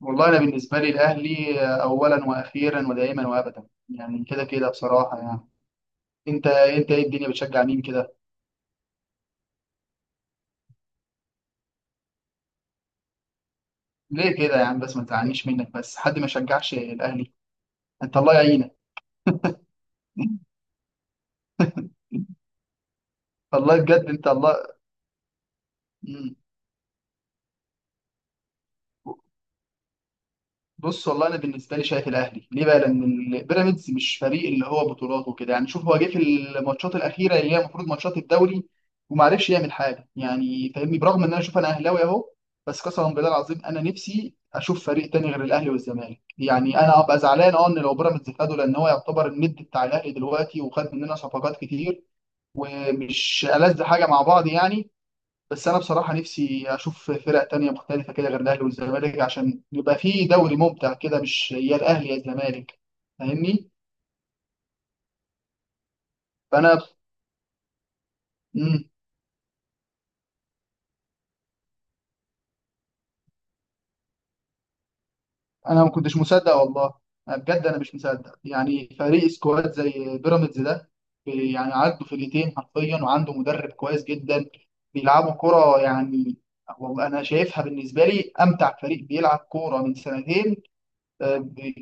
والله انا بالنسبه لي الاهلي اولا واخيرا ودائما وابدا، يعني كده كده بصراحه يعني. انت ايه الدنيا بتشجع مين كده؟ ليه كده يا عم؟ بس ما تزعلنيش منك، بس حد ما يشجعش الاهلي؟ انت الله يعينك. الله، بجد، انت الله. مم. بص، والله انا بالنسبه لي شايف الاهلي، ليه بقى؟ لان البيراميدز مش فريق اللي هو بطولات وكده، يعني شوف هو جه في الماتشات الاخيره اللي هي المفروض ماتشات الدوري وما عرفش يعمل حاجه، يعني فاهمني؟ برغم ان انا شوف، انا اهلاوي اهو، بس قسما بالله العظيم انا نفسي اشوف فريق تاني غير الاهلي والزمالك، يعني انا ابقى زعلان ان لو بيراميدز خده، لان هو يعتبر الند بتاع الاهلي دلوقتي وخد مننا صفقات كتير ومش ألذ حاجه مع بعض يعني. بس انا بصراحه نفسي اشوف فرق تانية مختلفه كده غير الاهلي والزمالك عشان يبقى في دوري ممتع كده، مش يا الاهلي يا الزمالك، فاهمني؟ فانا، مم. انا ما كنتش مصدق والله. أنا بجد انا مش مصدق يعني فريق سكواد زي بيراميدز ده. يعني عنده فرقتين حرفيا وعنده مدرب كويس جدا، بيلعبوا كرة يعني. والله انا شايفها بالنسبه لي امتع فريق بيلعب كوره من سنتين،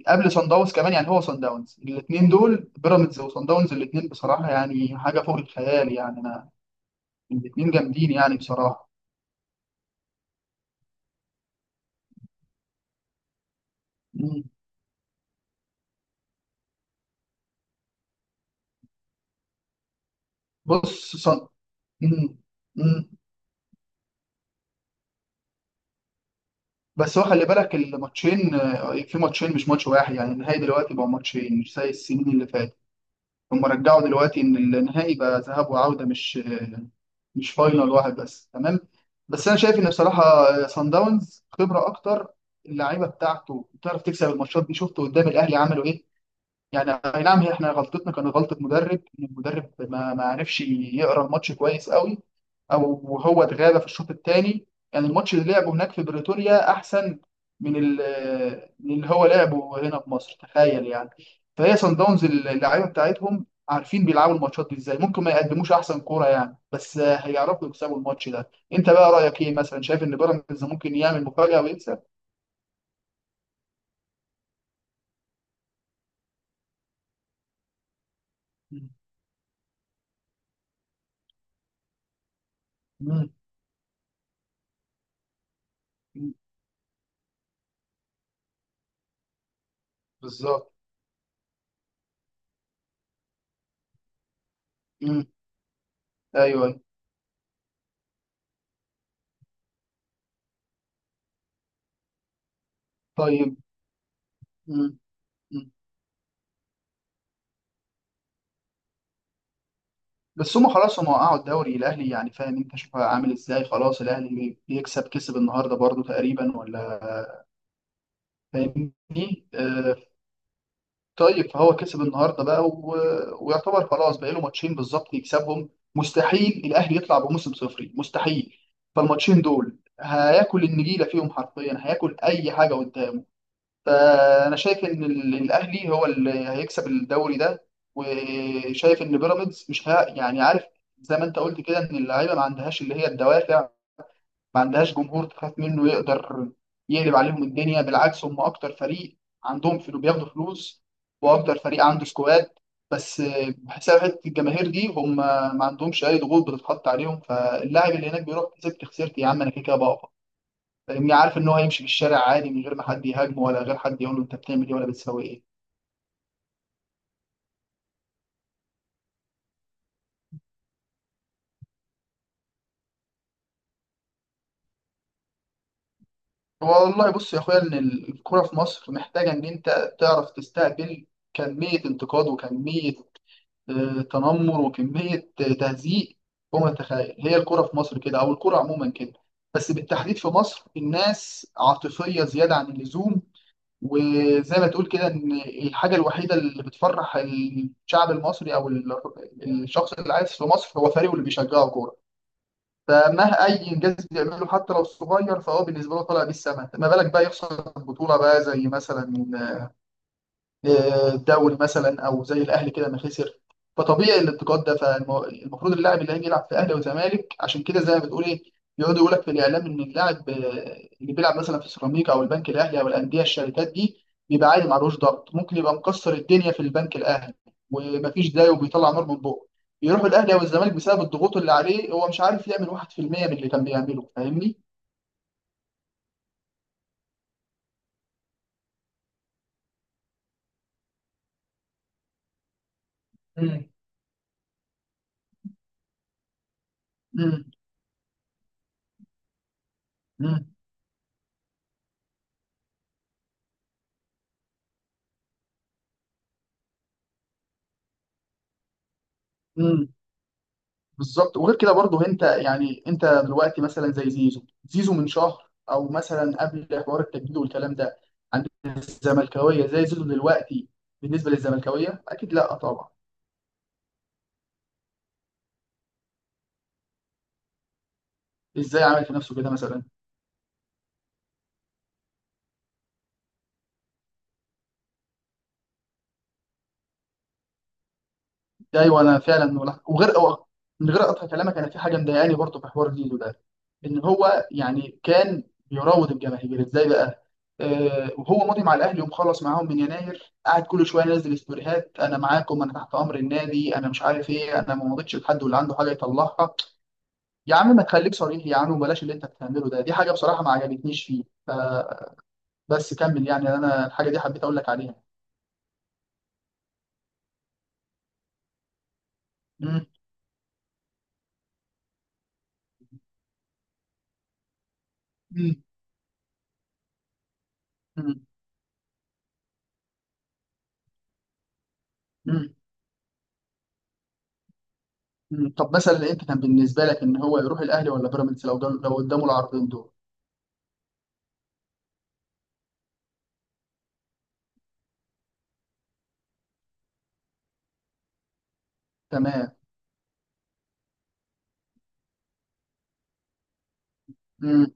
قبل سان داونز كمان. يعني هو سان داونز، الاثنين دول بيراميدز وسان داونز، الاثنين بصراحه يعني حاجه فوق الخيال يعني. انا الاثنين جامدين يعني بصراحه. مم. بص صن... مم. مم. بس هو خلي بالك الماتشين، في ماتشين مش ماتش واحد، يعني النهائي دلوقتي بقى ماتشين مش زي السنين اللي فاتت. هم رجعوا دلوقتي ان النهائي بقى ذهاب وعوده، مش مش فاينل واحد بس، تمام؟ بس انا شايف ان بصراحه سان داونز خبره اكتر، اللعيبه بتاعته بتعرف تكسب الماتشات دي. شفت قدام الاهلي عملوا ايه؟ يعني اي نعم، هي احنا غلطتنا كانت غلطه مدرب، ان المدرب ما عرفش يقرا الماتش كويس قوي، او وهو اتغاب في الشوط الثاني. يعني الماتش اللي لعبه هناك في بريتوريا احسن من اللي هو لعبه هنا في مصر، تخيل يعني. فهي صن داونز اللعيبه بتاعتهم عارفين بيلعبوا الماتشات دي ازاي، ممكن ما يقدموش احسن كوره يعني بس هيعرفوا يكسبوا الماتش ده. انت بقى رايك ايه؟ مثلا شايف ان بيراميدز ممكن يعمل مفاجاه ويكسب؟ مم. مم. بالظبط. مم. ايوه، أيوة. طيب. مم. مم. بس هم خلاص هم وقعوا الدوري الاهلي، يعني فاهم انت؟ شوف عامل ازاي، خلاص الاهلي بيكسب، كسب النهارده برضو تقريبا ولا؟ فاهمني؟ آه. طيب، فهو كسب النهارده بقى، ويعتبر خلاص بقى له ماتشين بالظبط يكسبهم. مستحيل الاهلي يطلع بموسم صفري، مستحيل. فالماتشين دول هياكل النجيله فيهم حرفيا، هياكل اي حاجه قدامه. فانا شايف ان الاهلي هو اللي هيكسب الدوري ده، وشايف ان بيراميدز مش ها، يعني عارف، زي ما انت قلت كده، ان اللعيبه ما عندهاش اللي هي الدوافع، ما عندهاش جمهور تخاف منه يقدر يقلب عليهم الدنيا. بالعكس هم اكتر فريق عندهم فلوس، بياخدوا فلوس واكتر فريق عنده سكواد، بس بحساب حته الجماهير دي هم ما عندهمش اي ضغوط بتتحط عليهم. فاللاعب اللي هناك بيروح كسبت خسرت يا عم، انا كده كده بقف، فاهمني؟ عارف ان هو هيمشي في الشارع عادي من غير ما حد يهاجمه ولا غير حد يقول له انت بتعمل ايه ولا بتسوي ايه. والله بص يا اخويا، ان الكوره في مصر محتاجه ان انت تعرف تستقبل كميه انتقاد وكميه تنمر وكميه تهزيق فوق ما تتخيل. هي الكوره في مصر كده، او الكوره عموما كده، بس بالتحديد في مصر الناس عاطفيه زياده عن اللزوم. وزي ما تقول كده، ان الحاجه الوحيده اللي بتفرح الشعب المصري الشخص اللي عايش في مصر، هو فريقه اللي بيشجعه كوره. فمه اي انجاز بيعمله حتى لو صغير، فهو بالنسبه له طالع بيه السما، ما بالك بقى يخسر بطوله بقى، زي مثلا الدوري مثلا، او زي الاهلي كده ما خسر. فطبيعي الانتقاد ده، فالمفروض اللاعب اللي هيجي يلعب في اهلي وزمالك عشان كده، زي ما بتقول ايه، يقعدوا يقول لك في الاعلام ان اللاعب اللي بيلعب مثلا في سيراميكا او البنك الاهلي او الانديه الشركات دي، بيبقى عادي. معلوش، ضغط ممكن يبقى مكسر الدنيا في البنك الاهلي ومفيش داي، وبيطلع نار من بقه، يروح الاهلي او الزمالك بسبب الضغوط اللي عليه، هو مش عارف يعمل 1% من اللي كان بيعمله، فاهمني؟ مم. مم. مم. مم. بالظبط. وغير كده برضه، انت يعني انت دلوقتي مثلا زي زيزو، زيزو من شهر، او مثلا قبل حوار التجديد والكلام ده، عند الزملكاويه زي زيزو دلوقتي بالنسبه للزملكاويه، اكيد لا طبعا. ازاي عمل في نفسه كده مثلا؟ ده ايوه، انا فعلا ملاحظ، وغير. من غير اقطع كلامك، انا في حاجه مضايقاني برضه في حوار زيزو ده، ان هو يعني كان بيراود الجماهير ازاي بقى؟ وهو ماضي مع الاهلي ومخلص معاهم من يناير، قاعد كل شويه ينزل ستوريهات: انا معاكم، انا تحت امر النادي، انا مش عارف ايه، انا ما مضيتش لحد، واللي عنده حاجه يطلعها. يا عم ما تخليك صريح يا عم، وبلاش اللي انت بتعمله ده، دي حاجه بصراحه ما عجبتنيش فيه. فبس كمل، يعني انا الحاجه دي حبيت اقول لك عليها. مم. مم. مم. مم. مم. طب مثلا انت كان بالنسبه لك ان هو يروح الاهلي ولا بيراميدز لو لو قدامه العرضين دول؟ تمام. مم.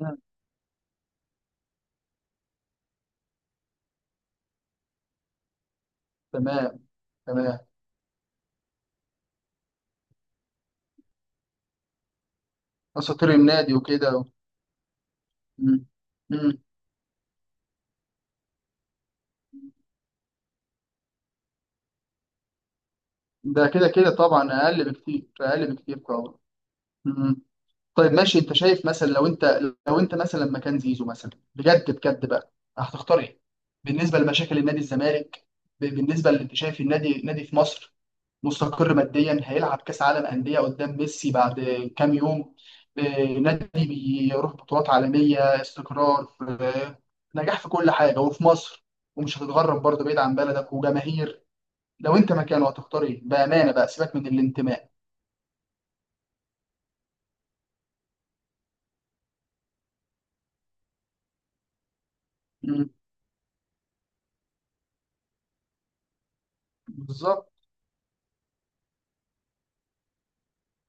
مم. تمام. تمام، اساطير النادي وكده و... مم. مم. ده كده كده طبعا اقل بكتير، اقل بكتير طبعا. مم. طيب ماشي، انت شايف مثلا لو انت، لو انت مثلا مكان زيزو مثلا، بجد بجد بقى هتختار ايه؟ بالنسبه لمشاكل النادي الزمالك، بالنسبه اللي انت شايف، النادي في مصر مستقر ماديا، هيلعب كاس عالم انديه قدام ميسي بعد كام يوم، آه، نادي بيروح بطولات عالميه، استقرار، في نجاح في كل حاجه وفي مصر، ومش هتتغرب برضه بعيد عن بلدك وجماهير. لو انت مكانه هتختار ايه بامانه بقى، سيبك من الانتماء؟ مم. بالظبط.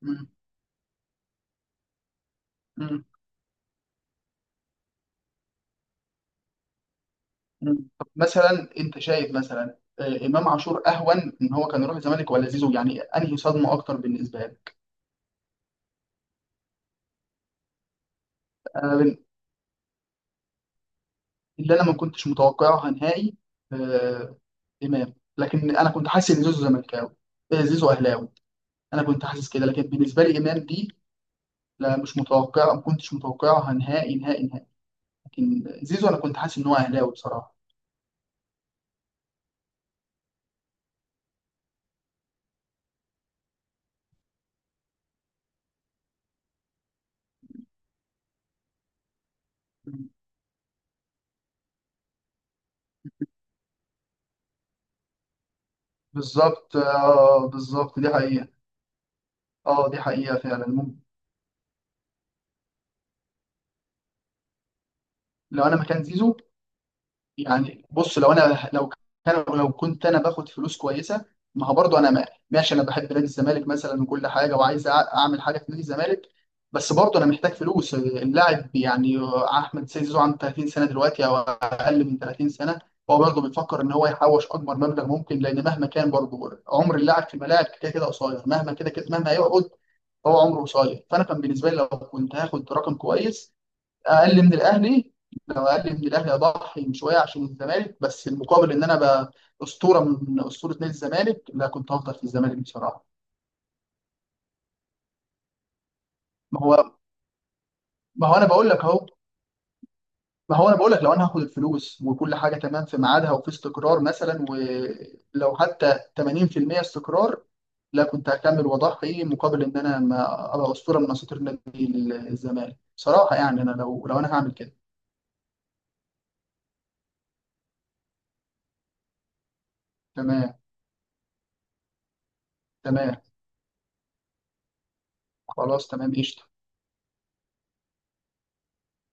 مم. مم. مم. طب مثلا انت شايف مثلا امام عاشور اهون ان هو كان يروح الزمالك ولا زيزو؟ يعني انهي صدمه اكتر بالنسبه لك؟ اللي انا ما كنتش متوقعها نهائي آه، امام، لكن انا كنت حاسس ان زيزو زملكاوي، زيزو اهلاوي، انا كنت حاسس كده. لكن بالنسبه لي امام دي لا، مش متوقع، ما كنتش متوقعها نهائي نهائي نهائي. لكن زيزو انا كنت حاسس ان هو اهلاوي بصراحه. بالظبط. اه بالظبط، دي حقيقه. اه دي حقيقه فعلا، ممكن. لو انا مكان زيزو، يعني بص لو كان، لو كنت انا باخد فلوس كويسه، ما هو برضه انا، ماشي، انا بحب نادي الزمالك مثلا وكل حاجه وعايز، اعمل حاجه في نادي الزمالك، بس برضه انا محتاج فلوس اللاعب يعني. احمد سيد زيزو عنده 30 سنه دلوقتي او اقل من 30 سنه، هو برضه بيفكر ان هو يحوش اكبر مبلغ ممكن، لان مهما كان برضه عمر اللاعب في الملاعب كده كده قصير، مهما كده كده مهما هيقعد هو عمره قصير. فانا كان بالنسبه لي لو كنت هاخد رقم كويس اقل من الاهلي، لو اقل من الاهلي اضحي شويه عشان الزمالك، بس المقابل ان انا بقى اسطوره من اسطوره نادي الزمالك، لا كنت هفضل في الزمالك بصراحه. ما هو، ما هو انا بقول لك اهو، ما هو انا بقول لك لو انا هاخد الفلوس وكل حاجه تمام في ميعادها، وفي استقرار مثلا، ولو حتى 80% استقرار، لا كنت هكمل واضحي مقابل ان انا ما ابقى اسطوره من اساطير نادي الزمالك بصراحه. يعني انا لو انا هعمل كده. تمام. تمام، خلاص تمام قشطه.